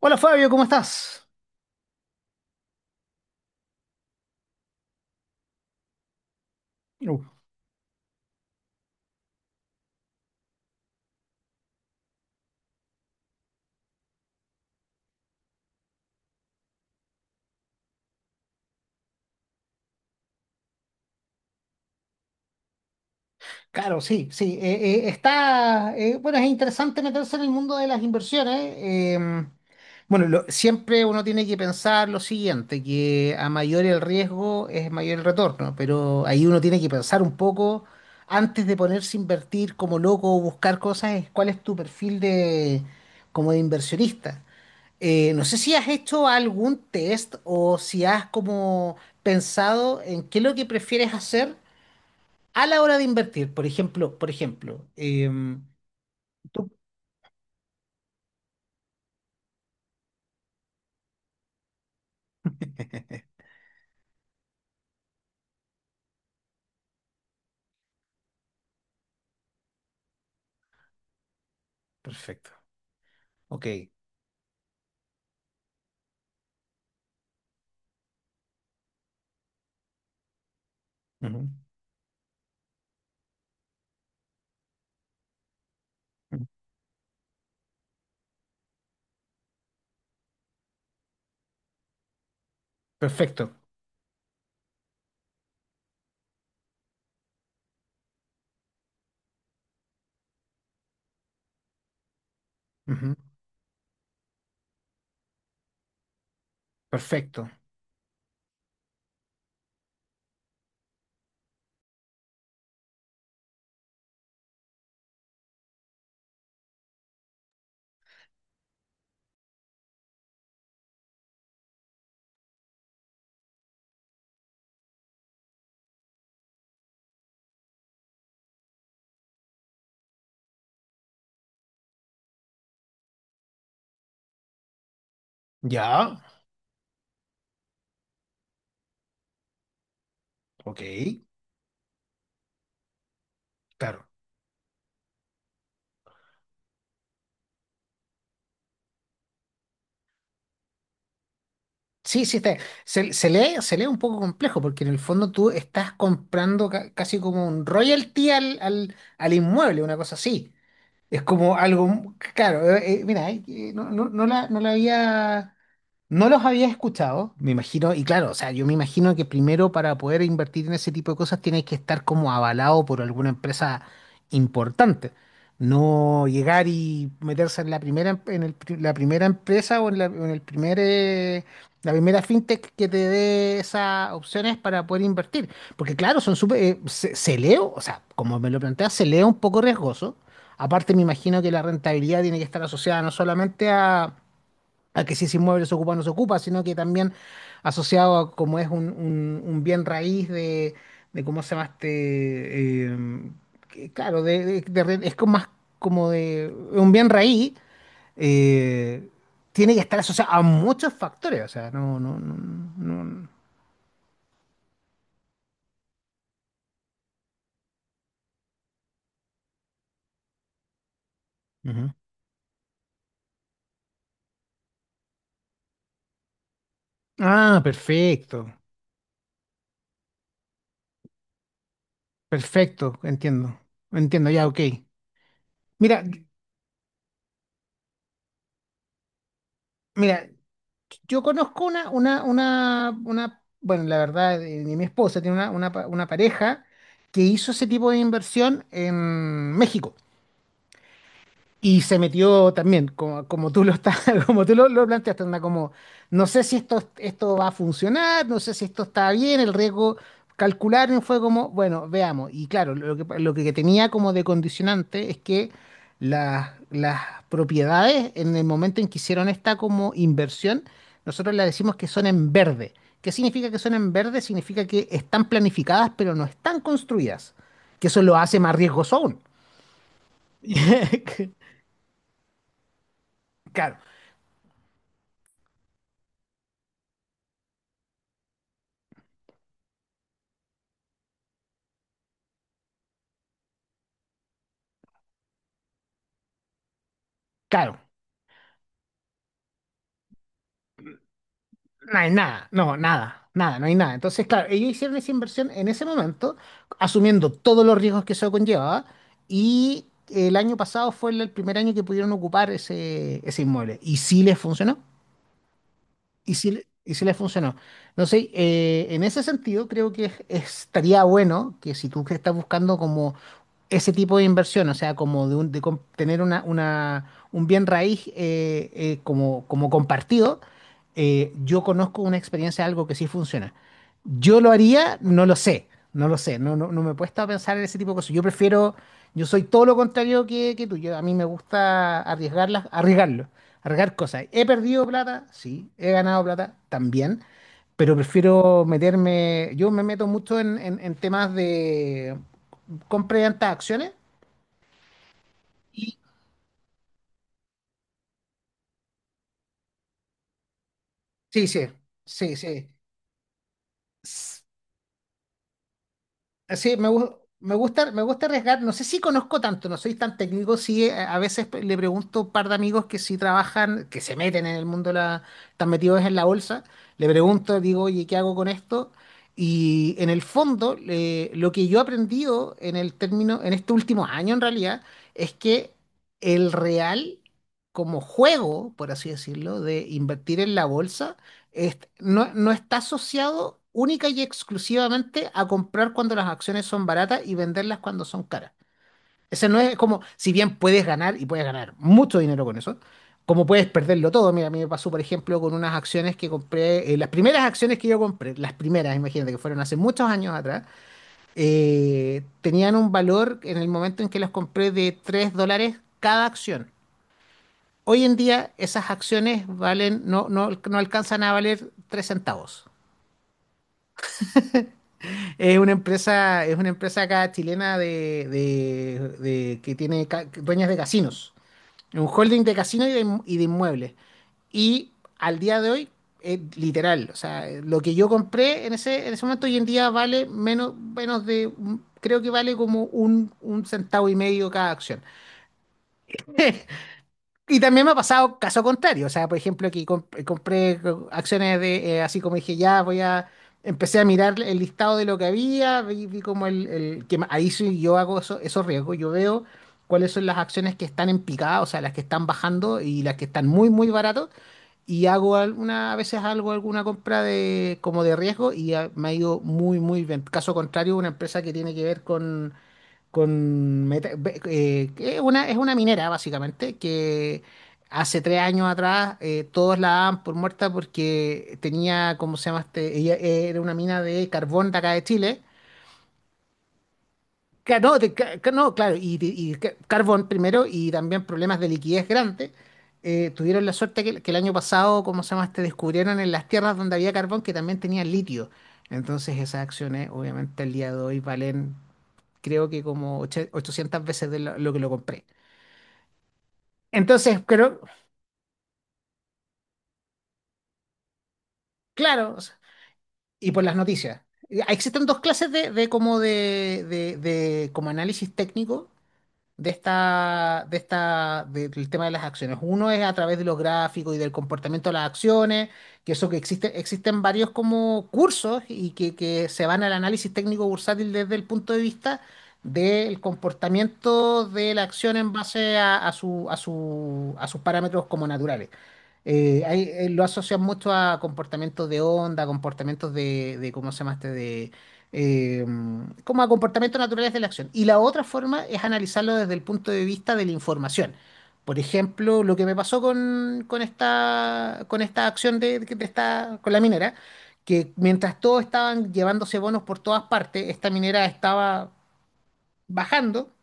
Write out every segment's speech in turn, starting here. Hola Fabio, ¿cómo estás? Uh, claro, sí, sí. Está, bueno, es interesante meterse en el mundo de las inversiones. Bueno, siempre uno tiene que pensar lo siguiente, que a mayor el riesgo es mayor el retorno, pero ahí uno tiene que pensar un poco antes de ponerse a invertir como loco o buscar cosas, es cuál es tu perfil de, como de inversionista. No sé si has hecho algún test o si has como pensado en qué es lo que prefieres hacer a la hora de invertir, por ejemplo, tú- Perfecto. Ok. Ujú. Perfecto. Ujú. Perfecto. Ya. Ok. Claro. Sí, sí, está. Se lee un poco complejo porque en el fondo tú estás comprando casi como un royalty al inmueble, una cosa así. Es como algo, claro, mira, no, no, no la había, no los había escuchado, me imagino, y claro, o sea, yo me imagino que primero para poder invertir en ese tipo de cosas tienes que estar como avalado por alguna empresa importante. No llegar y meterse en la primera, en el la primera empresa o en la, o en el primer, la primera fintech que te dé esas opciones para poder invertir. Porque claro, son súper, se, se leo, o sea, como me lo planteas, se leo un poco riesgoso. Aparte, me imagino que la rentabilidad tiene que estar asociada no solamente a que si ese inmueble se ocupa o no se ocupa, sino que también asociado a como es un, un bien raíz de cómo se llama este, que, claro, es como más como de un bien raíz, eh, tiene que estar asociado a muchos factores, o sea, no, no, no, no. Ujú. Ah, perfecto, perfecto, entiendo, entiendo, ya, ok. Mira, mira, yo conozco bueno, la verdad, mi esposa tiene una pareja que hizo ese tipo de inversión en México. Y se metió también, como, como tú lo estás, como tú lo planteaste, anda como, no sé si esto, esto va a funcionar, no sé si esto está bien, el riesgo calcular y fue como, bueno, veamos. Y claro, lo que tenía como de condicionante es que las propiedades, en el momento en que hicieron esta como inversión, nosotros le decimos que son en verde. ¿Qué significa que son en verde? Significa que están planificadas, pero no están construidas, que eso lo hace más riesgoso aún. Claro. Claro, no hay nada, no, nada, nada, no hay nada. Entonces, claro, ellos hicieron esa inversión en ese momento, asumiendo todos los riesgos que eso conllevaba, y el año pasado fue el primer año que pudieron ocupar ese, ese inmueble. Y sí les funcionó, y sí, y sí les funcionó. Entonces, en ese sentido, creo que estaría bueno que si tú que estás buscando como ese tipo de inversión, o sea, como de, tener una, un bien raíz como, como compartido, yo conozco una experiencia, algo que sí funciona. Yo lo haría, no lo sé, no lo sé, no, no, no me he puesto a pensar en ese tipo de cosas. Yo prefiero, yo soy todo lo contrario que tú, yo, a mí me gusta arriesgarlas, arriesgarlo, arriesgar cosas. He perdido plata, sí, he ganado plata también pero prefiero meterme, yo me meto mucho en, en temas de, compré hartas acciones y sí, sí, sí, sí. S- Sí, me, me gusta arriesgar. No sé si conozco tanto, no soy tan técnico. Sí, a veces le pregunto a un par de amigos que sí trabajan, que se meten en el mundo, de la, están metidos en la bolsa. Le pregunto, digo, oye, ¿qué hago con esto? Y en el fondo, lo que yo he aprendido en el término, en este último año en realidad, es que el real, como juego, por así decirlo, de invertir en la bolsa, no, no está asociado única y exclusivamente a comprar cuando las acciones son baratas y venderlas cuando son caras. Ese no es como, si bien puedes ganar y puedes ganar mucho dinero con eso, como puedes perderlo todo. Mira, a mí me pasó, por ejemplo, con unas acciones que compré, las primeras acciones que yo compré, las primeras, imagínate, que fueron hace muchos años atrás, tenían un valor en el momento en que las compré de $3 cada acción. Hoy en día esas acciones valen, no, no, no alcanzan a valer 3 centavos. Es una empresa acá chilena de, que tiene dueñas de casinos. Es un holding de casinos y de, y de inmuebles. Y al día de hoy, es literal, o sea, lo que yo compré en ese momento hoy en día vale menos, menos de, creo que vale como un centavo y medio cada acción. Y también me ha pasado caso contrario, o sea, por ejemplo, que compré acciones de, así como dije, ya voy a, empecé a mirar el listado de lo que había, vi, vi como el, ahí sí yo hago esos riesgos, yo veo cuáles son las acciones que están en picada, o sea, las que están bajando y las que están muy, muy baratos, y hago alguna, a veces algo, alguna compra de, como de riesgo y ah, me ha ido muy, muy bien. Caso contrario, una empresa que tiene que ver con que es una minera básicamente que hace 3 años atrás todos la daban por muerta porque tenía, ¿cómo se llama este? Ella era una mina de carbón de acá de Chile. No, de no, claro, y carbón primero y también problemas de liquidez grandes. Tuvieron la suerte que el año pasado, ¿cómo se llama este? Descubrieron en las tierras donde había carbón que también tenía litio. Entonces esas acciones, obviamente, el día de hoy valen, creo que como 800 veces de lo que lo compré. Entonces, creo, claro, o sea, y por las noticias. Existen dos clases de, de como análisis técnico de esta, del tema de las acciones. Uno es a través de los gráficos y del comportamiento de las acciones, que eso que existe, existen varios como cursos y que se van al análisis técnico bursátil desde el punto de vista del comportamiento de la acción en base a, a sus parámetros como naturales. Lo asocian mucho a comportamientos de onda, comportamientos de ¿cómo se llama este? De, eh, como a comportamientos naturales de la acción. Y la otra forma es analizarlo desde el punto de vista de la información. Por ejemplo, lo que me pasó con esta acción de esta, con la minera, que mientras todos estaban llevándose bonos por todas partes, esta minera estaba bajando,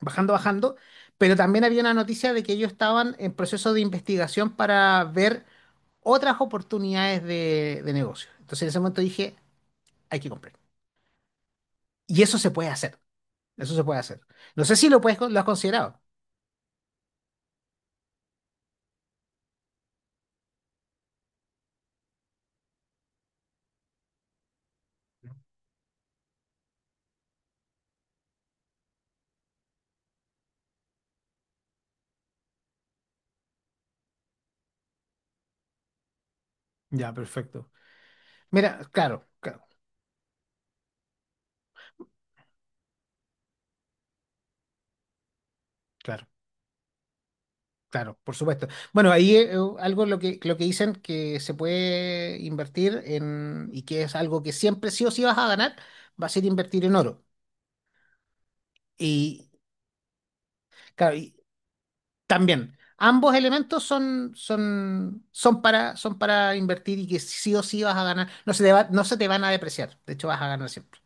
bajando, bajando, pero también había una noticia de que ellos estaban en proceso de investigación para ver otras oportunidades de negocio. Entonces en ese momento dije, hay que comprar. Y eso se puede hacer, eso se puede hacer. No sé si lo puedes, lo has considerado. Ya, perfecto. Mira, claro, claro, claro, claro, por supuesto. Bueno, ahí algo lo que dicen que se puede invertir en, y que es algo que siempre sí o sí vas a ganar, va a ser invertir en oro. Y claro, y también, ambos elementos son, son, son para, son para invertir y que sí o sí vas a ganar. No se te no se te van a depreciar. De hecho, vas a ganar siempre.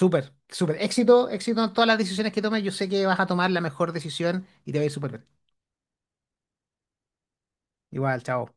Súper, súper. Éxito, éxito en todas las decisiones que tomes. Yo sé que vas a tomar la mejor decisión y te va a ir súper bien. Igual, chao.